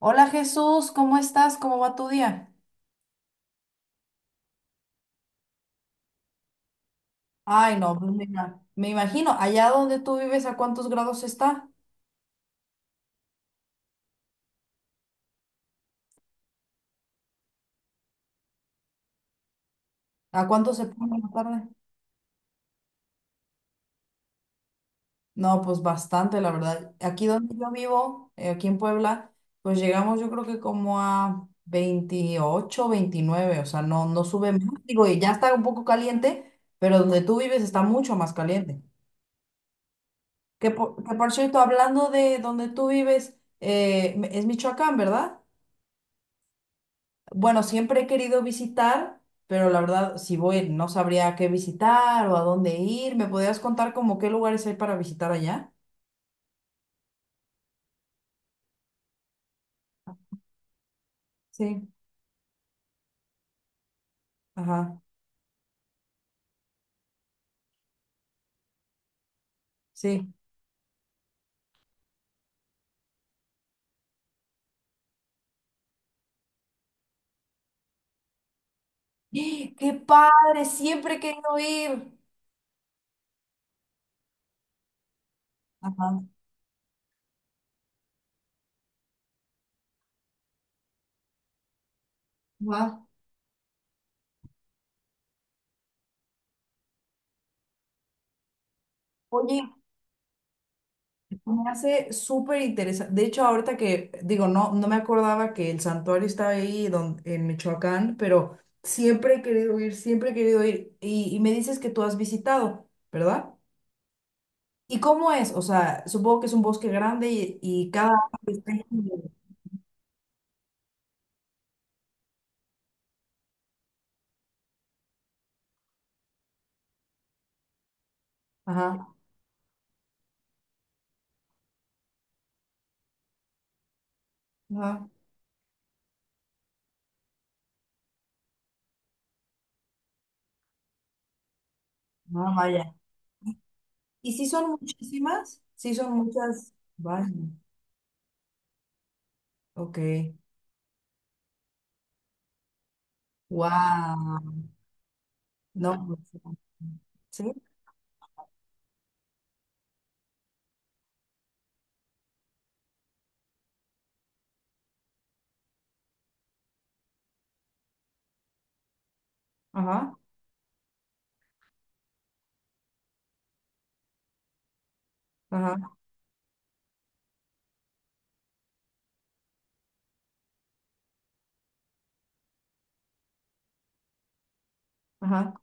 Hola Jesús, ¿cómo estás? ¿Cómo va tu día? Ay, no, pues me imagino, allá donde tú vives, ¿a cuántos grados está? ¿A cuánto se pone en la tarde? No, pues bastante, la verdad. Aquí donde yo vivo, aquí en Puebla, pues llegamos yo creo que como a 28, 29, o sea, no, no sube más. Digo, y ya está un poco caliente, pero donde tú vives está mucho más caliente. Que por cierto, hablando de donde tú vives, es Michoacán, ¿verdad? Bueno, siempre he querido visitar, pero la verdad, si voy, no sabría qué visitar o a dónde ir. ¿Me podrías contar como qué lugares hay para visitar allá? Sí, ajá, sí. ¡Ah! ¡Qué padre! Siempre he querido ir. Ajá, ajá. Oye, me hace súper interesante. De hecho, ahorita que digo, no, no me acordaba que el santuario está ahí en Michoacán, pero siempre he querido ir, siempre he querido ir. Y me dices que tú has visitado, ¿verdad? ¿Y cómo es? O sea, supongo que es un bosque grande y cada árbol ajá, ajá, ah, vaya. ¿Y si son muchísimas? Sí son muchas. Vaya, ok. Wow. No, pues, sí, ajá, ajá, ajá,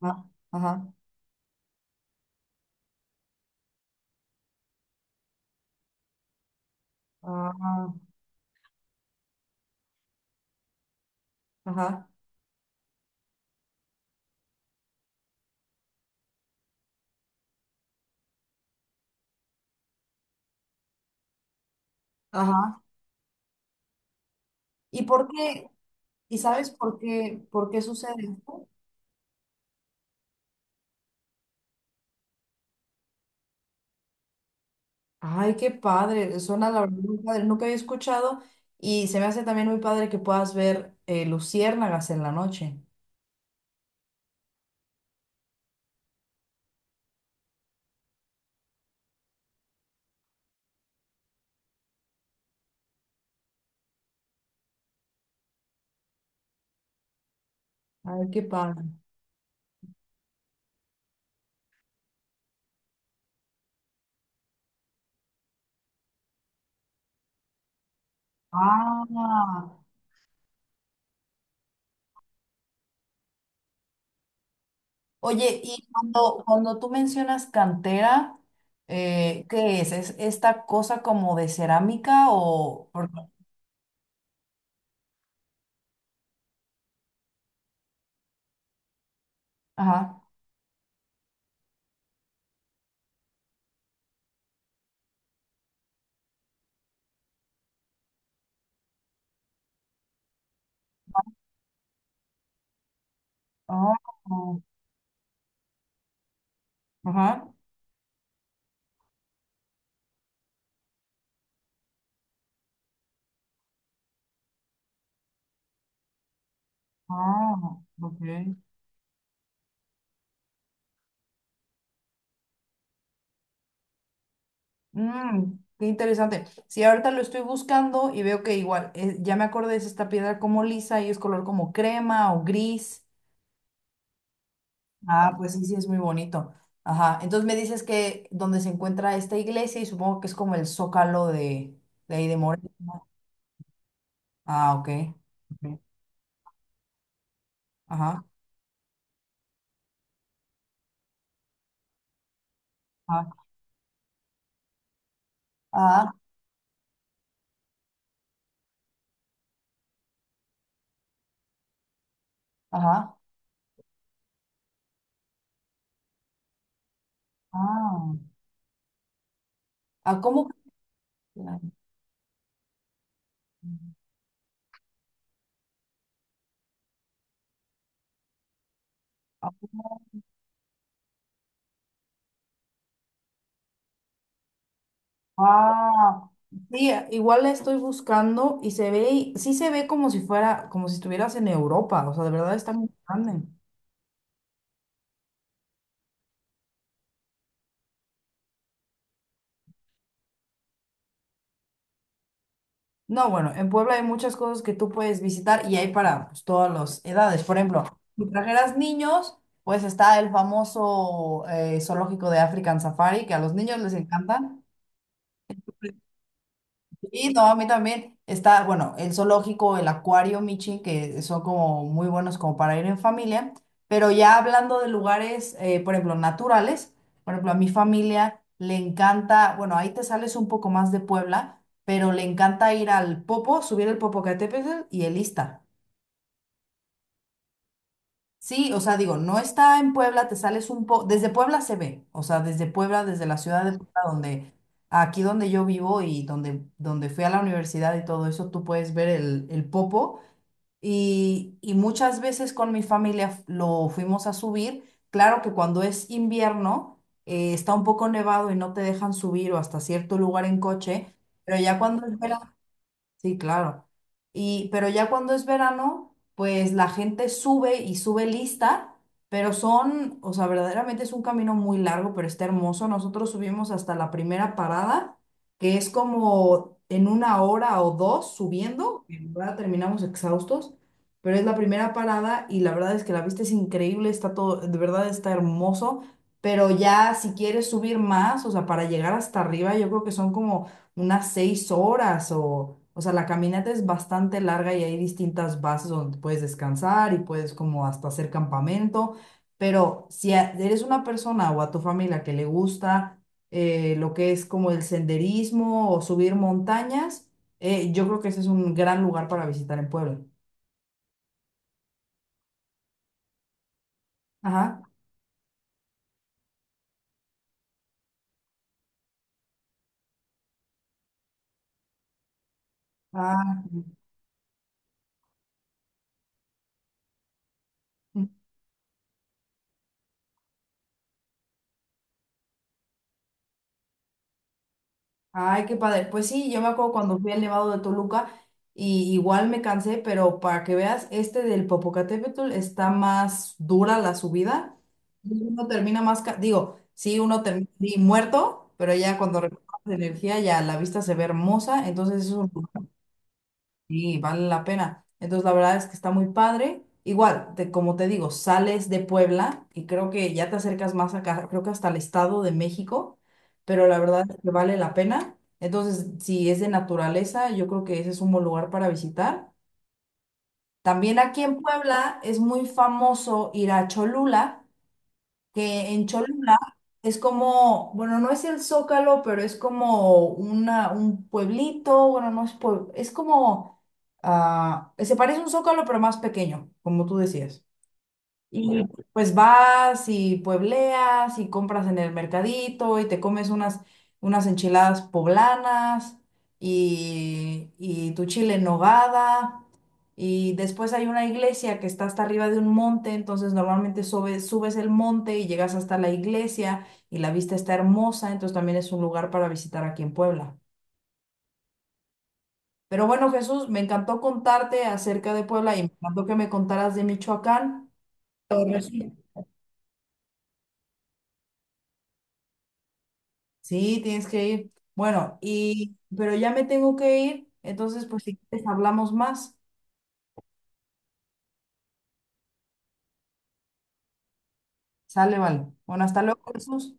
ajá, ajá, ah, ajá, ajá. ¿Y por qué? ¿Y sabes por qué sucede esto? Ay, qué padre, suena la verdad muy padre, nunca había escuchado y se me hace también muy padre que puedas ver luciérnagas en la noche. Ay, qué padre. Ah, oye, y cuando tú mencionas cantera, ¿qué es? ¿Es esta cosa como de cerámica o...? Ajá. Ah, ajá. Ah, ok. Mm, qué interesante. Sí, ahorita lo estoy buscando y veo que igual, ya me acordé, es esta piedra como lisa y es color como crema o gris. Ah, pues sí, sí, es muy bonito. Ajá, entonces me dices que donde se encuentra esta iglesia y supongo que es como el zócalo de ahí de Morelia, ¿no? Ah, ok. Ok. Ajá. Ajá. Ah, ajá. Ah, ah, ¿cómo? Ah, ah, sí, igual la estoy buscando y se ve, sí se ve como si fuera, como si estuvieras en Europa, o sea, de verdad está muy grande. No, bueno, en Puebla hay muchas cosas que tú puedes visitar y hay para pues, todas las edades. Por ejemplo, si trajeras niños, pues está el famoso zoológico de African Safari, que a los niños les encanta. Sí, no, a mí también está, bueno, el zoológico, el acuario Michi, que son como muy buenos como para ir en familia, pero ya hablando de lugares, por ejemplo, naturales, por ejemplo, a mi familia le encanta, bueno, ahí te sales un poco más de Puebla, pero le encanta ir al Popo, subir el Popocatépetl y el Ista. Sí, o sea, digo, no está en Puebla, te sales un poco, desde Puebla se ve, o sea, desde Puebla, desde la ciudad de Puebla, donde, aquí donde yo vivo y donde fui a la universidad y todo eso, tú puedes ver el Popo y muchas veces con mi familia lo fuimos a subir. Claro que cuando es invierno, está un poco nevado y no te dejan subir o hasta cierto lugar en coche, pero ya cuando es verano sí, claro. Y, pero ya cuando es verano, pues la gente sube y sube lista, pero son, o sea, verdaderamente es un camino muy largo, pero está hermoso. Nosotros subimos hasta la primera parada, que es como en una hora o dos subiendo, en verdad terminamos exhaustos, pero es la primera parada y la verdad es que la vista es increíble, está todo, de verdad está hermoso, pero ya si quieres subir más, o sea, para llegar hasta arriba, yo creo que son como unas 6 horas o sea, la caminata es bastante larga y hay distintas bases donde puedes descansar y puedes como hasta hacer campamento, pero si eres una persona o a tu familia que le gusta lo que es como el senderismo o subir montañas, yo creo que ese es un gran lugar para visitar en Puebla. Ajá. Ah, ay, qué padre. Pues sí, yo me acuerdo cuando fui al Nevado de Toluca y igual me cansé, pero para que veas, este del Popocatépetl está más dura la subida. Y uno termina más, digo, sí, uno termina sí, muerto, pero ya cuando recuperas energía ya la vista se ve hermosa, entonces eso sí, vale la pena. Entonces, la verdad es que está muy padre. Igual, como te digo, sales de Puebla y creo que ya te acercas más acá, creo que hasta el Estado de México, pero la verdad es que vale la pena. Entonces, si es de naturaleza, yo creo que ese es un buen lugar para visitar. También aquí en Puebla es muy famoso ir a Cholula, que en Cholula es como, bueno, no es el Zócalo, pero es como una, un pueblito, bueno, no es pueblo, es como, ah, se parece a un Zócalo, pero más pequeño, como tú decías. Y pues vas y puebleas y compras en el mercadito y te comes unas enchiladas poblanas y tu chile en nogada. Y después hay una iglesia que está hasta arriba de un monte, entonces normalmente subes el monte y llegas hasta la iglesia y la vista está hermosa, entonces también es un lugar para visitar aquí en Puebla. Pero bueno, Jesús, me encantó contarte acerca de Puebla y me encantó que me contaras de Michoacán. Pero resulta sí, tienes que ir. Bueno, y pero ya me tengo que ir, entonces pues si quieres hablamos más. Sale, vale. Bueno, hasta luego, Jesús.